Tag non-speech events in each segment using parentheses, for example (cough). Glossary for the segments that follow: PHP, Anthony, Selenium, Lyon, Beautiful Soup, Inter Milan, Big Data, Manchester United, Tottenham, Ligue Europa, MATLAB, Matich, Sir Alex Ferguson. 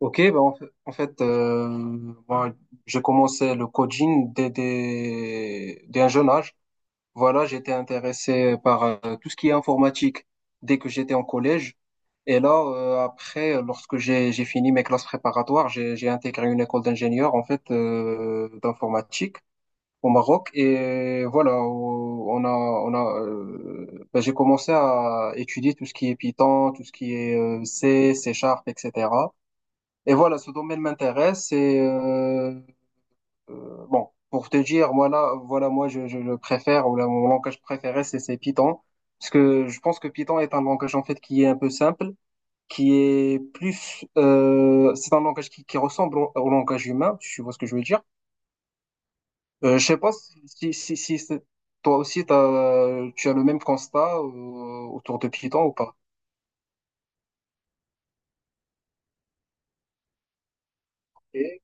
Ok, ben en fait, en fait, euh, Moi, j'ai commencé le coaching dès un jeune âge. Voilà, j'étais intéressé par tout ce qui est informatique dès que j'étais en collège. Et là, après, lorsque j'ai fini mes classes préparatoires, j'ai intégré une école d'ingénieur en fait, d'informatique au Maroc. Et voilà, j'ai commencé à étudier tout ce qui est Python, tout ce qui est C, C Sharp, etc. Et voilà, ce domaine m'intéresse. Bon, pour te dire, voilà, voilà, moi, je le préfère, mon langage préféré, c'est Python. Parce que je pense que Python est un langage, en fait, qui est un peu simple, qui est plus. C'est un langage qui ressemble au langage humain, tu vois ce que je veux dire. Je sais pas si, si, si, si c'est- toi aussi, tu as le même constat autour de Python ou pas. Et-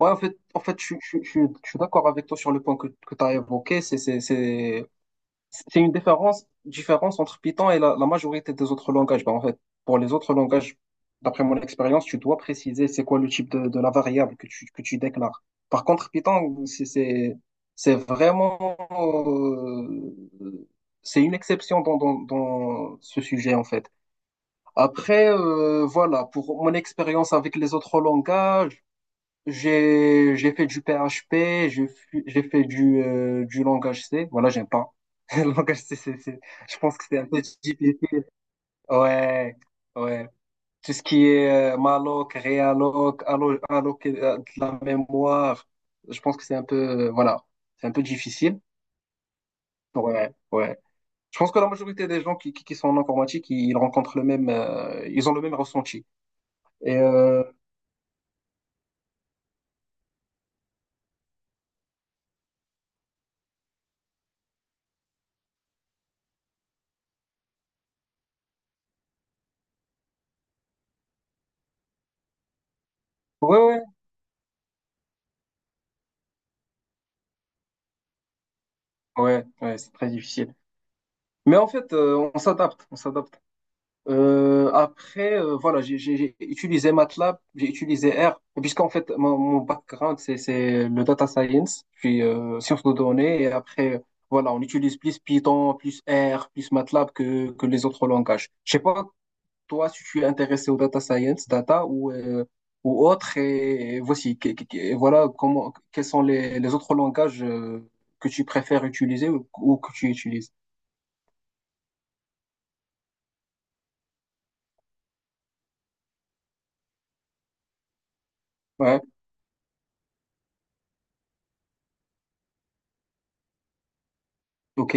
Ouais, en fait, je suis d'accord avec toi sur le point que tu as évoqué. C'est une différence entre Python et la majorité des autres langages. Ben, en fait, pour les autres langages, d'après mon expérience, tu dois préciser c'est quoi le type de la variable que tu déclares. Par contre, Python, c'est vraiment, euh, c'est une exception dans ce sujet, en fait. Après, voilà, pour mon expérience avec les autres langages, j'ai fait du PHP, j'ai fait du langage C. Voilà, j'aime pas. (laughs) Le langage C, je pense que c'est un peu GPT. Ouais, ouais. Tout ce qui est malloc, realloc, alloc, de la mémoire, je pense que c'est un peu, voilà, c'est un peu difficile. Ouais, ouais. Je pense que la majorité des gens qui sont en informatique, ils rencontrent ils ont le même ressenti. Et euh, ouais, ouais, ouais, ouais, c'est très difficile. Mais en fait, on s'adapte, on s'adapte. Voilà, j'ai utilisé MATLAB, j'ai utilisé R, puisqu'en fait, mon background, c'est le data science, puis sciences de données, et après, voilà, on utilise plus Python, plus R, plus MATLAB que les autres langages. Je sais pas, toi, si tu es intéressé au data science, data ou autre, et voici, voilà, comment, quels sont les autres langages que tu préfères utiliser ou que tu utilises. Ouais, ok,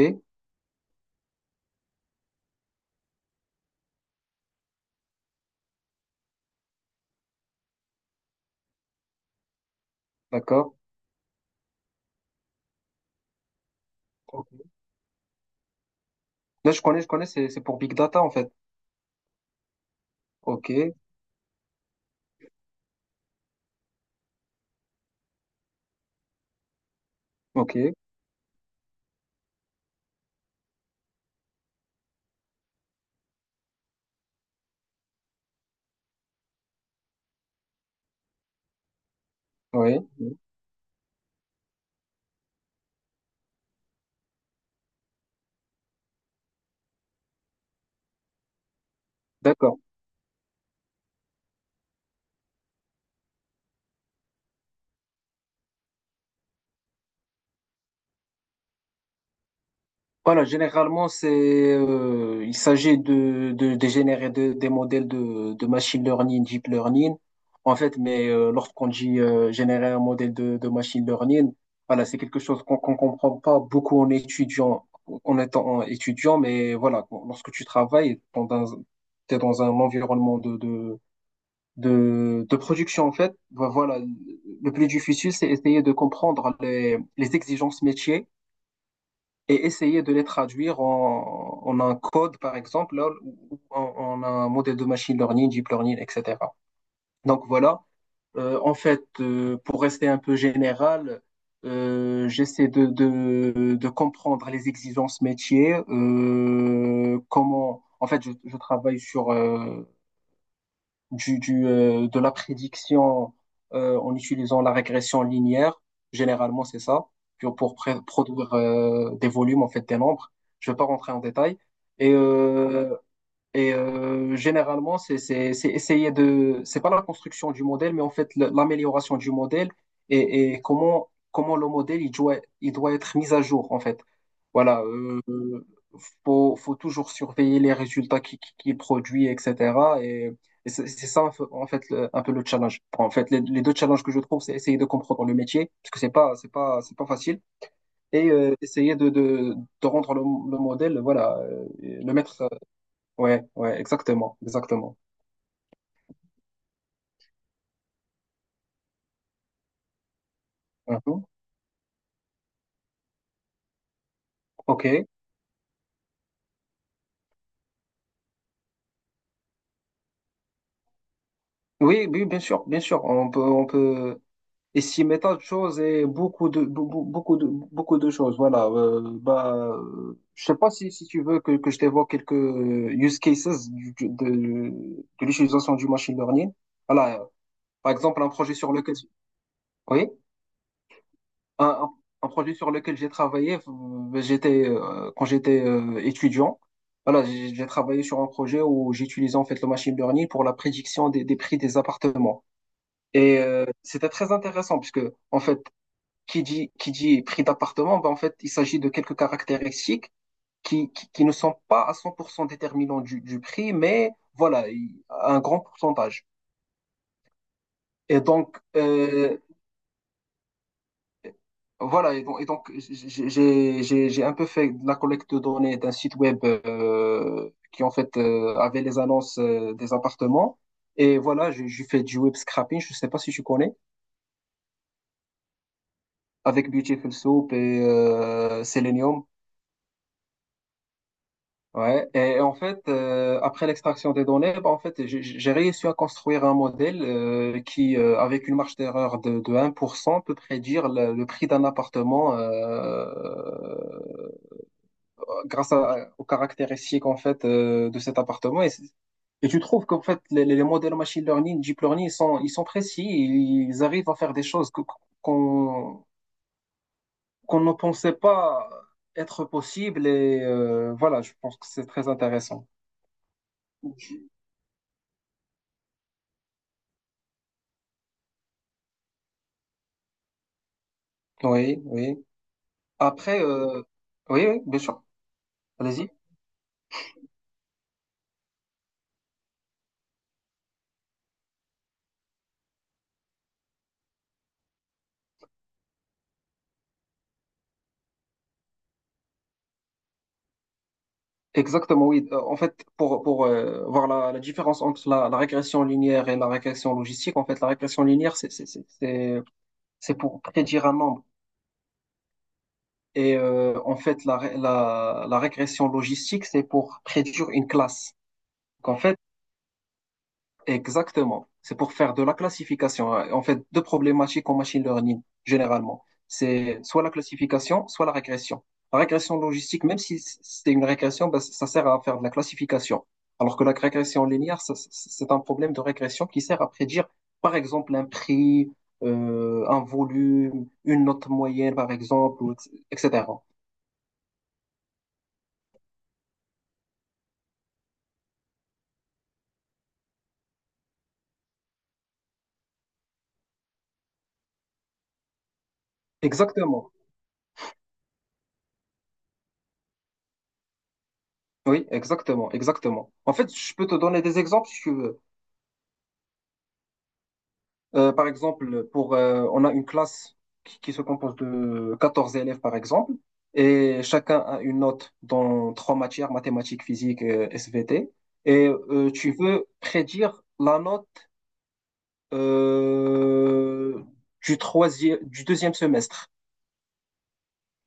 d'accord. Là, je connais, c'est pour Big Data, en fait. OK, OK, oui, oui, d'accord. Voilà, généralement, il s'agit de générer des modèles de machine learning, deep learning. En fait, mais lorsqu'on dit générer un modèle de machine learning, voilà, c'est quelque chose qu'on comprend pas beaucoup en étant étudiant, mais voilà, lorsque tu travailles, t'es dans un environnement de production en fait. Voilà, le plus difficile, c'est essayer de comprendre les exigences métiers et essayer de les traduire en un code, par exemple, là, ou en, en un modèle de machine learning, deep learning, etc. Donc voilà. Pour rester un peu général, j'essaie de comprendre les exigences métiers, comment, en fait, je travaille sur, de la prédiction en utilisant la régression linéaire. Généralement, c'est ça, pour produire des volumes, en fait, des nombres. Je ne vais pas rentrer en détail. Et euh, Généralement, c'est pas la construction du modèle, mais en fait l'amélioration du modèle et comment le modèle il doit être mis à jour en fait. Voilà, faut toujours surveiller les résultats qui produit etc. Et c'est ça en fait un peu le challenge. En fait, les deux challenges que je trouve, c'est essayer de comprendre le métier parce que c'est pas facile essayer de rendre le modèle voilà le mettre. Ouais, ouais, exactement, exactement. Mhm. Ok. Oui, oui, bien sûr, bien sûr. On peut estimer tant de choses et beaucoup de, be- be- beaucoup de choses. Voilà. Je sais pas si tu veux que je t'évoque quelques use cases de l'utilisation du machine learning. Voilà. Par exemple, un projet sur lequel. Oui? Un, un- un projet sur lequel j'ai travaillé, j'étais quand j'étais étudiant. Voilà, j'ai travaillé sur un projet où j'utilisais en fait le machine learning pour la prédiction des prix des appartements. Et c'était très intéressant puisque en fait, qui dit prix d'appartement, ben, en fait, il s'agit de quelques caractéristiques qui ne sont pas à 100% déterminants du prix, mais voilà, un grand pourcentage. Et donc, voilà, et donc, j'ai un peu fait de la collecte de données d'un site web qui en fait avait les annonces des appartements. Et voilà, j'ai fait du web scrapping, je ne sais pas si tu connais, avec Beautiful Soup et Selenium. Ouais. Et, en fait, après l'extraction des données, bah, en fait, j'ai réussi à construire un modèle qui, avec une marge d'erreur de 1%, peut prédire le prix d'un appartement grâce aux caractéristiques en fait de cet appartement. Et tu trouves qu'en fait les modèles machine learning, deep learning, ils sont précis, ils arrivent à faire des choses qu'on qu'on ne pensait pas être possible. Et voilà, je pense que c'est très intéressant. Oui, oui. Après, oui, oui, bien sûr. Allez-y. Exactement, oui. En fait, pour voir la différence entre la régression linéaire et la régression logistique, en fait, la régression linéaire, c'est pour prédire un nombre. Et en fait, la régression logistique, c'est pour prédire une classe. Donc, en fait, exactement. C'est pour faire de la classification, hein. En fait, deux problématiques en machine learning, généralement. C'est soit la classification, soit la régression. La régression logistique, même si c'est une régression, ben, ça sert à faire de la classification. Alors que la régression linéaire, c'est un problème de régression qui sert à prédire, par exemple, un prix, un volume, une note moyenne, par exemple, etc. Exactement. Oui, exactement, exactement. En fait, je peux te donner des exemples si tu veux. Par exemple, on a une classe qui se compose de 14 élèves, par exemple, et chacun a une note dans trois matières, mathématiques, physique, et SVT. Et tu veux prédire la note euh, du deuxième semestre.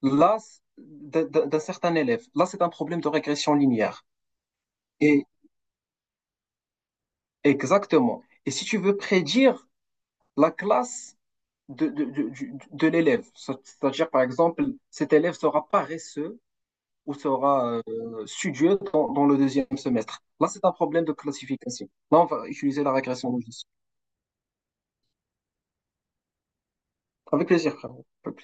Là, d'un certain élève. Là, c'est un problème de régression linéaire. Et exactement. Et si tu veux prédire la classe de, de, de, de l'élève. C'est-à-dire, par exemple, cet élève sera paresseux ou sera studieux dans le deuxième semestre. Là, c'est un problème de classification. Là, on va utiliser la régression logistique. Avec plaisir, frère.